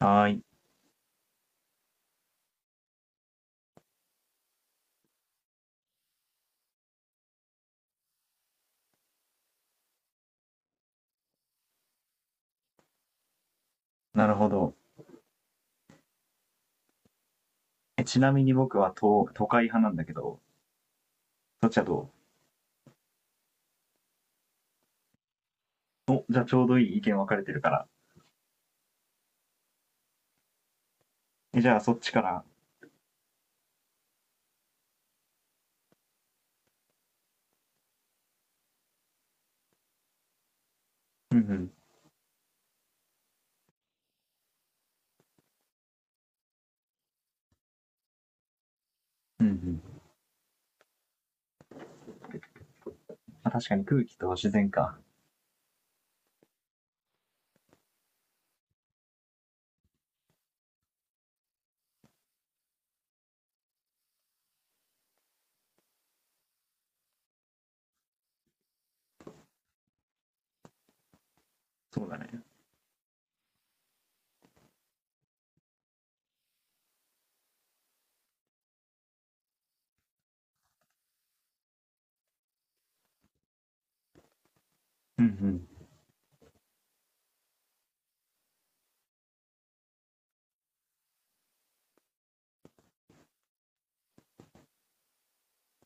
はーい。なるほど。え、ちなみに僕は都会派なんだけど、そっちはどうお、じゃあちょうどいい意見分かれてるから。え、じゃあそっちから。うんうん。うんうん。まあ確かに空気と自然か。そうだね。うんうん。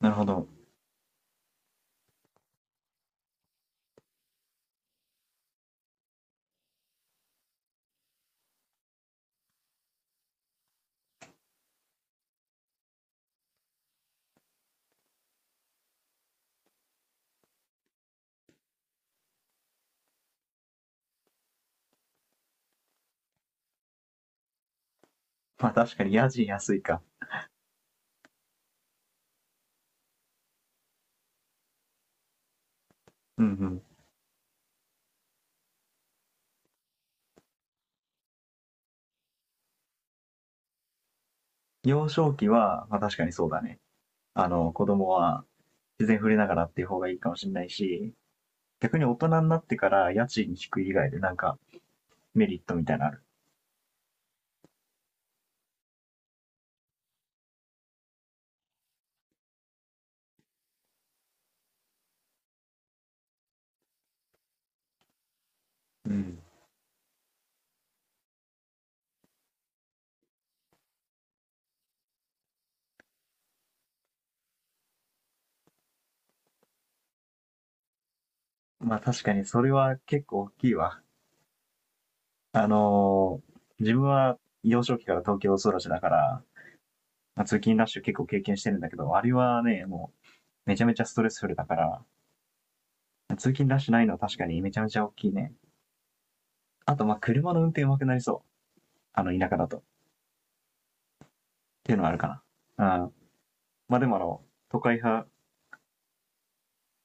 なるほど。まあ確かに家賃安いか。うんうん。幼少期は、まあ確かにそうだね。あの、子供は自然触れながらっていう方がいいかもしれないし、逆に大人になってから家賃低い以外でなんかメリットみたいなのある。うん。まあ確かにそれは結構大きいわ。あのー自分は幼少期から東京育ちだから、まあ通勤ラッシュ結構経験してるんだけど、あれはね、もうめちゃめちゃストレスフルだから、通勤ラッシュないのは確かにめちゃめちゃ大きいね。あと、まあ、車の運転上手くなりそう。あの、田舎だと。っていうのはあるかな。うん。まあ、でもあの、都会派、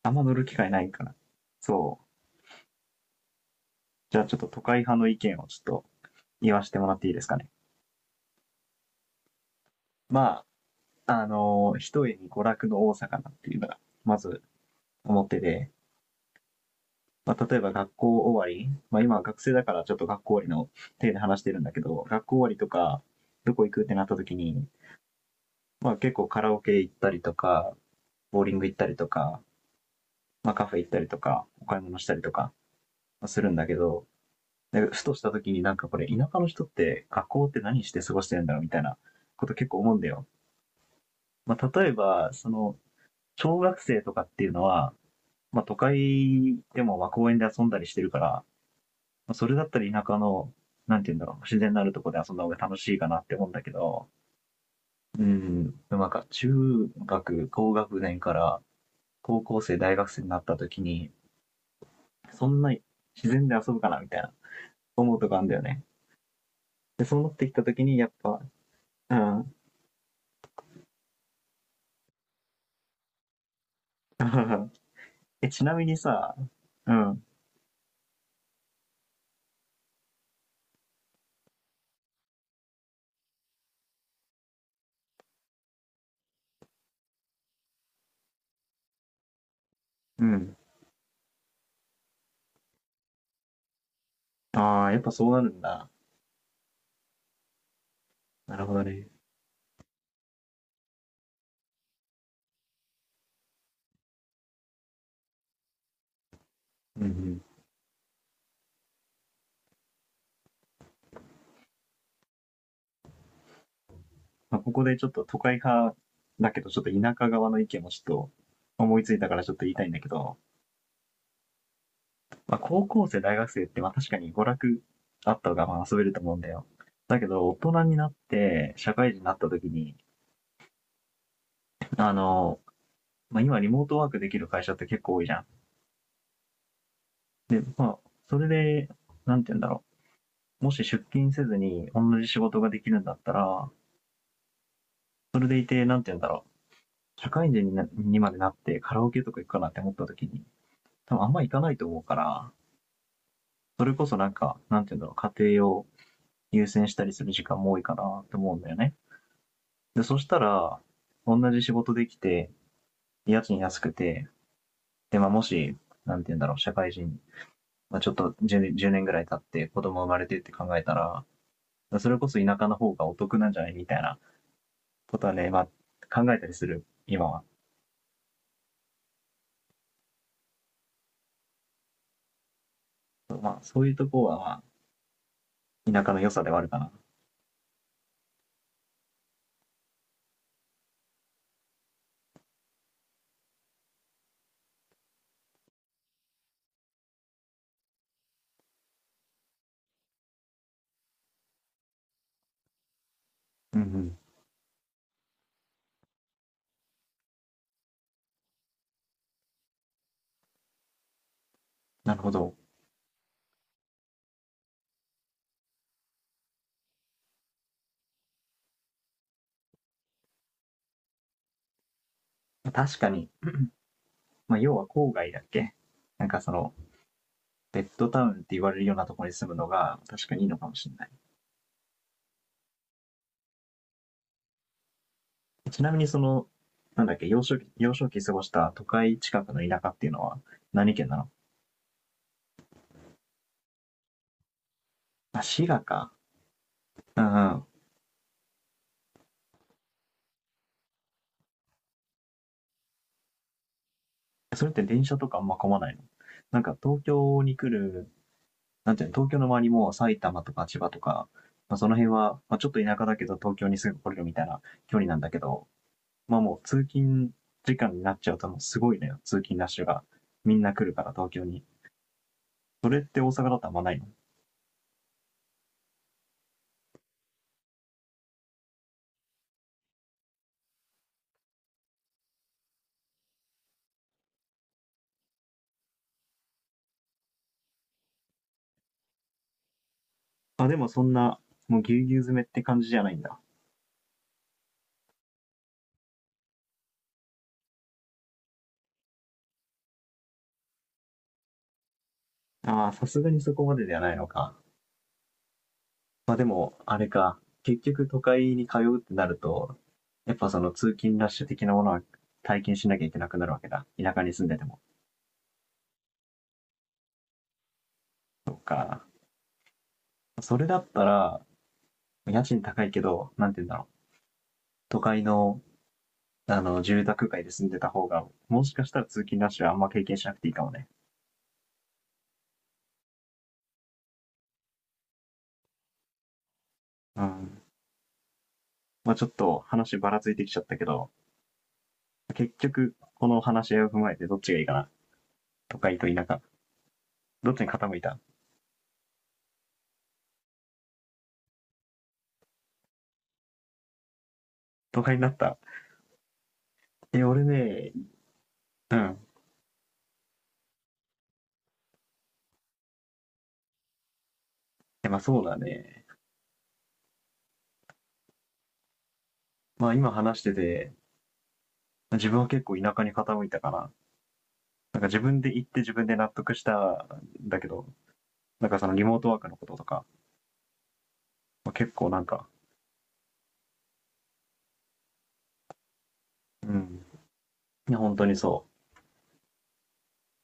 あんま乗る機会ないかな、そう。じゃあちょっと都会派の意見をちょっと言わせてもらっていいですかね。まあ、一重に娯楽の多さかなっていうのが、まず思ってて、まあ、例えば学校終わり、まあ、今は学生だからちょっと学校終わりの手で話してるんだけど、学校終わりとか、どこ行くってなった時に、まあ結構カラオケ行ったりとか、ボーリング行ったりとか、まあカフェ行ったりとか、お買い物したりとかするんだけど、ふとした時になんかこれ田舎の人って学校って何して過ごしてるんだろうみたいなこと結構思うんだよ。まあ例えば、その、小学生とかっていうのは、まあ都会でもまあ公園で遊んだりしてるから、それだったら田舎の、なんていうんだろう、自然のあるところで遊んだ方が楽しいかなって思うんだけど、うん、なんか中学、高学年から高校生、大学生になった時に、そんな自然で遊ぶかなみたいな思うとこあるんだよね。で、そうなってきた時に、やっぱ、うん。え、ちなみにさ、うん、うん。ああ、やっぱそうなるんだ。なるほどね。うんうん。まあ、ここでちょっと都会派だけど、ちょっと田舎側の意見もちょっと思いついたからちょっと言いたいんだけど、まあ、高校生、大学生って、まあ、確かに娯楽あった方がまあ遊べると思うんだよ。だけど、大人になって、社会人になった時に、あの、まあ、今リモートワークできる会社って結構多いじゃん。まあ、それで、なんて言うんだろう。もし出勤せずに同じ仕事ができるんだったら、それでいて、なんて言うんだろう。社会人になにまでなってカラオケとか行くかなって思った時に、多分あんま行かないと思うから、それこそなんか、なんて言うんだろう、家庭を優先したりする時間も多いかなって思うんだよね。で、そしたら、同じ仕事できて、家賃安くて、で、まあ、もし、なんて言うんだろう、社会人、まあ、ちょっと 10年ぐらい経って子供生まれてって考えたら、それこそ田舎の方がお得なんじゃないみたいなことはね、まあ、考えたりする、今は。まあ、そういうとこは、まあ、田舎の良さではあるかな。うんうん。なるほど。確かに、まあ、要は郊外だっけ、なんかその、ベッドタウンって言われるようなところに住むのが、確かにいいのかもしれない。ちなみにその、なんだっけ、幼少期過ごした都会近くの田舎っていうのは何県なの、あ、滋賀か。うんうん。それって電車とかあんま混まないの、なんか東京に来る、なんていうの、東京の周りも埼玉とか千葉とか、まあ、その辺は、まあ、ちょっと田舎だけど東京にすぐ来れるみたいな距離なんだけど、まあもう通勤時間になっちゃうともうすごいのよ、通勤ラッシュが。みんな来るから東京に。それって大阪だとあんまないの、あ、でもそんな、もうぎゅうぎゅう詰めって感じじゃないんだ。ああ、さすがにそこまでではないのか。まあでも、あれか。結局都会に通うってなると、やっぱその通勤ラッシュ的なものは体験しなきゃいけなくなるわけだ。田舎に住んでても。これだったら、家賃高いけど、なんて言うんだろう。都会の、あの、住宅街で住んでた方が、もしかしたら通勤ラッシュはあんま経験しなくていいかもね。うん。まあちょっと話ばらついてきちゃったけど、結局、この話し合いを踏まえてどっちがいいかな。都会と田舎。どっちに傾いた、都会になった。え、俺ね、うん。まあそうだね。まあ今話してて、自分は結構田舎に傾いたから、なんか自分で行って自分で納得したんだけど、なんかそのリモートワークのこととか、まあ、結構なんか、うん、いや本当にそ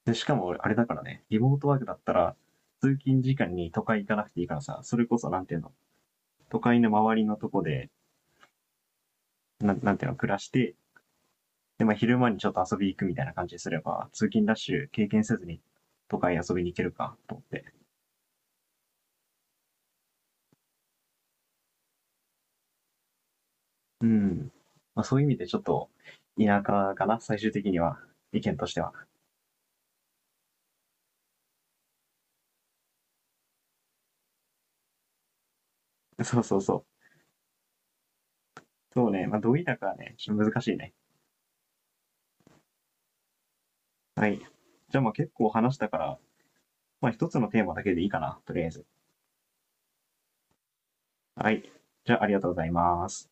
う。で、しかもあれだからね、リモートワークだったら、通勤時間に都会行かなくていいからさ、それこそなんていうの、都会の周りのとこで、なんなんていうの、暮らして、で、まあ昼間にちょっと遊び行くみたいな感じにすれば、通勤ラッシュ経験せずに都会に遊びに行けるかと思って。うん。まあ、そういう意味でちょっと田舎かな、最終的には。意見としては。そうそうそう。そうね。まあ、どう田舎はね、ちょっと難しいね。はい。じゃあまあ結構話したから、まあ一つのテーマだけでいいかな、とりあえず。はい。じゃあありがとうございます。